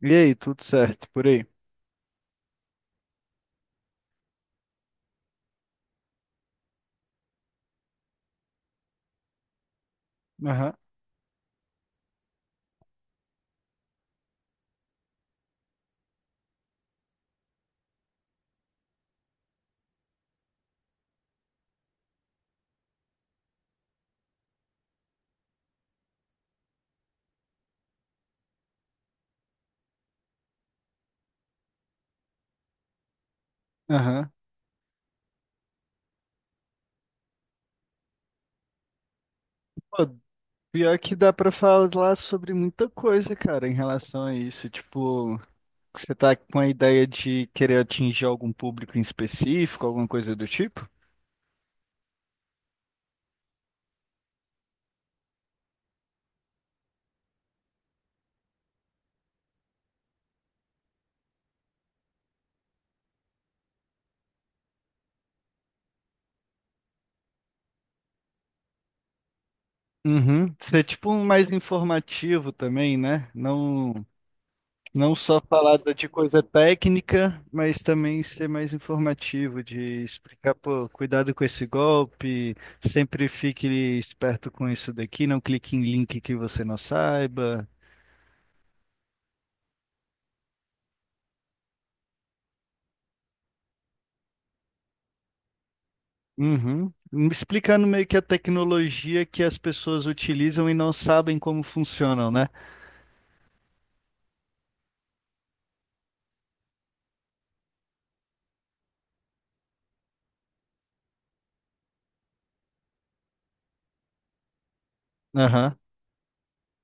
E aí, tudo certo por aí? Aham, aham. Pô, pior que dá pra falar sobre muita coisa, cara, em relação a isso. Tipo, você tá com a ideia de querer atingir algum público em específico, alguma coisa do tipo? Uhum. Ser tipo um mais informativo também, né? Não. Não só falar de coisa técnica, mas também ser mais informativo, de explicar, pô, cuidado com esse golpe, sempre fique esperto com isso daqui, não clique em link que você não saiba. Uhum. Explicando meio que a tecnologia que as pessoas utilizam e não sabem como funcionam, né? Aham.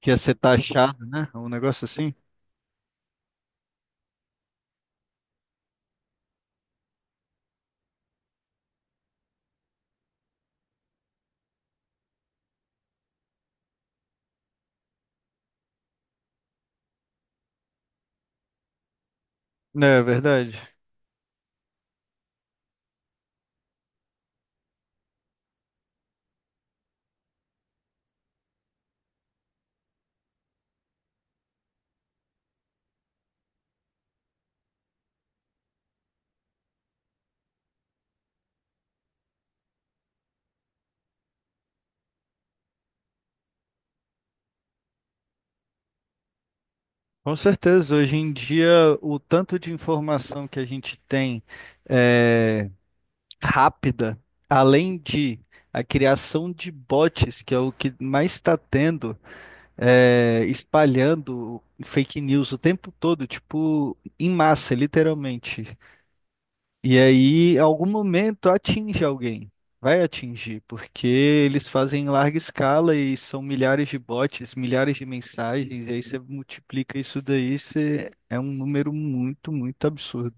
Que ia ser taxado, né? Um negócio assim. É verdade. Com certeza, hoje em dia, o tanto de informação que a gente tem rápida, além de a criação de bots, que é o que mais está tendo, espalhando fake news o tempo todo, tipo, em massa, literalmente. E aí, em algum momento, atinge alguém. Vai atingir, porque eles fazem em larga escala e são milhares de bots, milhares de mensagens, e aí você multiplica isso daí, você é um número muito, muito absurdo.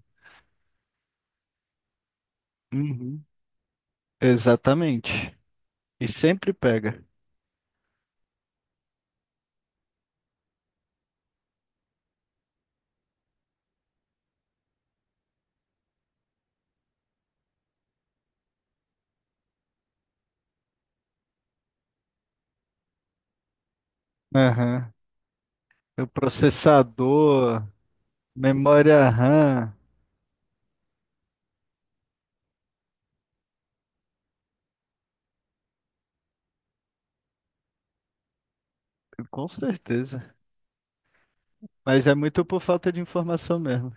Uhum. Exatamente. E sempre pega. Aham. O processador, memória RAM, com certeza. Mas é muito por falta de informação mesmo.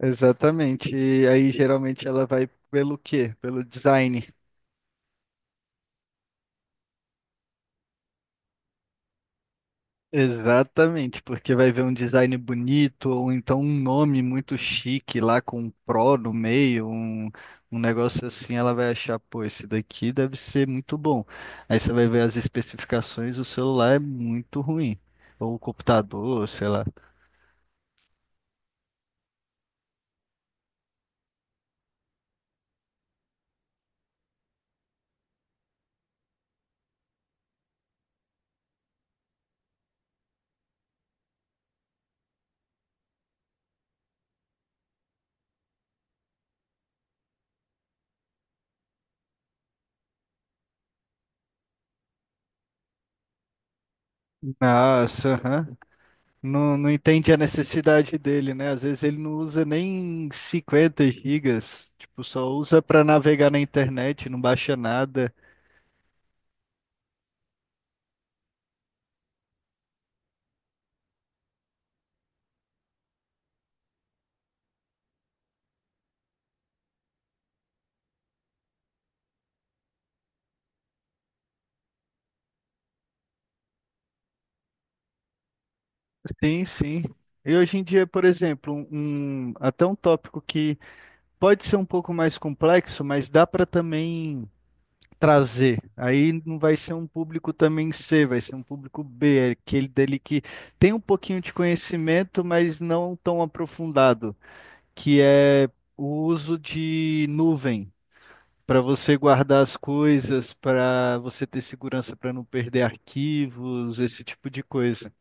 Exatamente. E aí geralmente ela vai pelo quê? Pelo design. Exatamente, porque vai ver um design bonito ou então um nome muito chique lá com um pro no meio, um negócio assim, ela vai achar, pô, esse daqui deve ser muito bom. Aí você vai ver as especificações, o celular é muito ruim, ou o computador, sei lá. Nossa, aham. Não, não entende a necessidade dele, né? Às vezes ele não usa nem 50 gigas, tipo, só usa para navegar na internet, não baixa nada. Sim, sim. E hoje em dia, por exemplo, até um tópico que pode ser um pouco mais complexo, mas dá para também trazer. Aí não vai ser um público também C, vai ser um público B, é aquele dele que tem um pouquinho de conhecimento, mas não tão aprofundado. Que é o uso de nuvem para você guardar as coisas, para você ter segurança para não perder arquivos, esse tipo de coisa.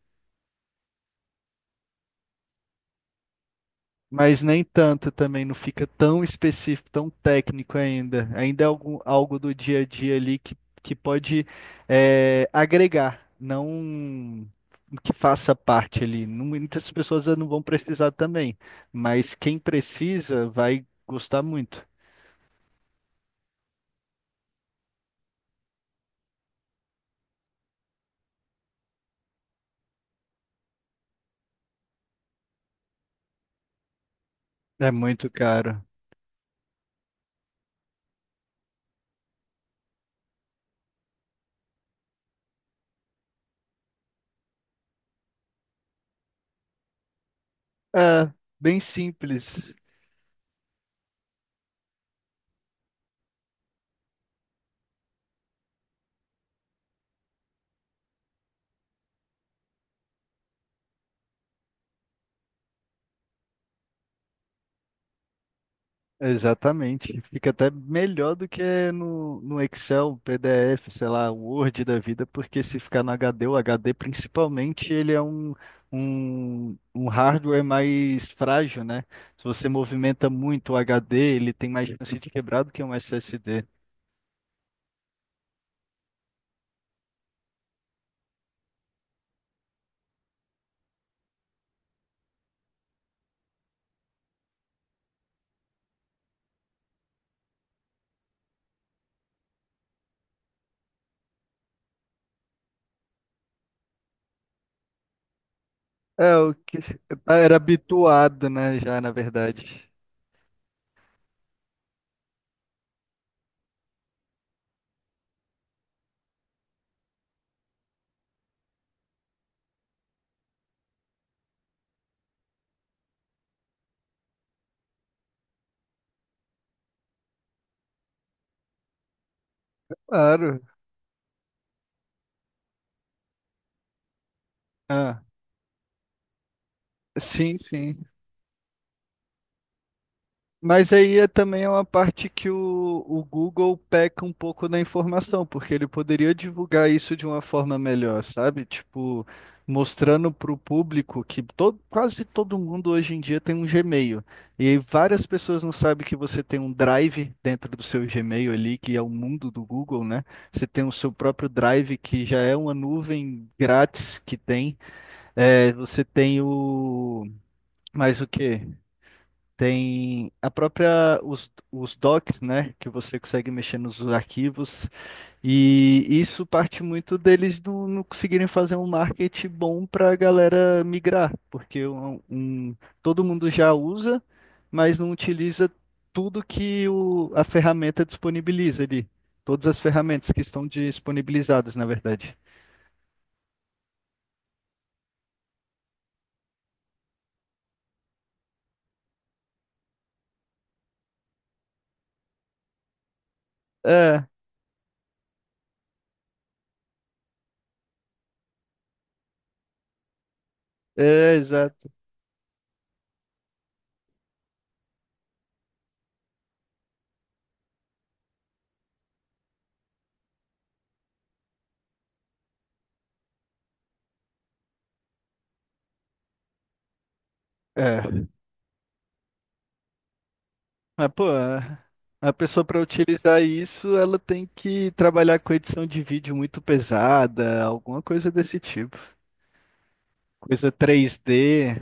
Mas nem tanto também, não fica tão específico, tão técnico ainda. Ainda é algo do dia a dia ali que pode agregar, não que faça parte ali. Muitas pessoas não vão precisar também, mas quem precisa vai gostar muito. É muito caro. É, bem simples. Exatamente. Fica até melhor do que no Excel, PDF, sei lá, Word da vida, porque se ficar no HD, o HD principalmente, ele é um hardware mais frágil, né? Se você movimenta muito o HD, ele tem mais chance de quebrar do que um SSD. É, o que era habituado, né, já, na verdade. Claro. Ah, sim, sim. Mas aí é também uma parte que o Google peca um pouco na informação, porque ele poderia divulgar isso de uma forma melhor, sabe? Tipo, mostrando para o público que todo, quase todo mundo hoje em dia tem um Gmail. E aí várias pessoas não sabem que você tem um Drive dentro do seu Gmail ali, que é o mundo do Google, né? Você tem o seu próprio Drive, que já é uma nuvem grátis que tem. É, você tem o. Mais o quê? Tem a própria, os docs, né, que você consegue mexer nos arquivos, e isso parte muito deles não conseguirem fazer um marketing bom para a galera migrar, porque todo mundo já usa, mas não utiliza tudo que a ferramenta disponibiliza ali, todas as ferramentas que estão disponibilizadas, na verdade. É, é, exato. É. Mas, pô, a pessoa para utilizar isso, ela tem que trabalhar com edição de vídeo muito pesada, alguma coisa desse tipo. Coisa 3D,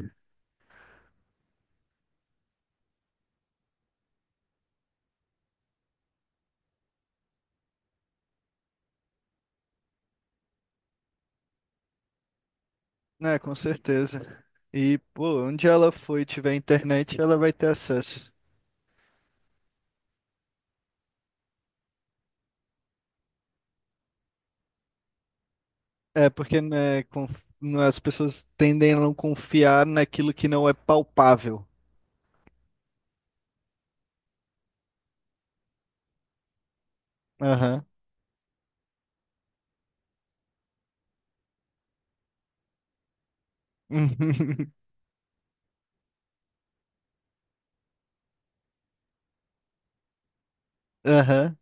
né, com certeza. E, pô, onde ela for e tiver internet, ela vai ter acesso. É, porque, né, né, as pessoas tendem a não confiar naquilo que não é palpável. Aham. Aham.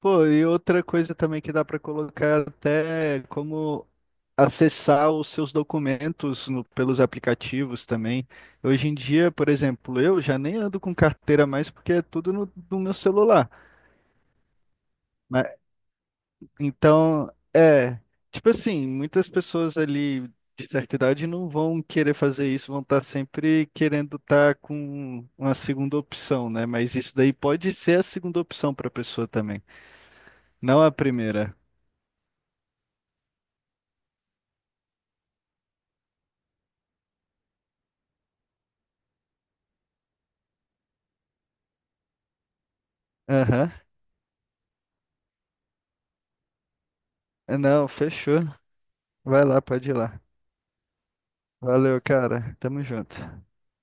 Pô, e outra coisa também que dá para colocar até como acessar os seus documentos pelos aplicativos também. Hoje em dia, por exemplo, eu já nem ando com carteira mais porque é tudo no meu celular. Mas, então, é, tipo assim, muitas pessoas ali de certa idade não vão querer fazer isso, vão estar sempre querendo estar com uma segunda opção, né? Mas isso daí pode ser a segunda opção para a pessoa também, não a primeira. Aham. Não, fechou. Vai lá, pode ir lá. Valeu, cara. Tamo junto.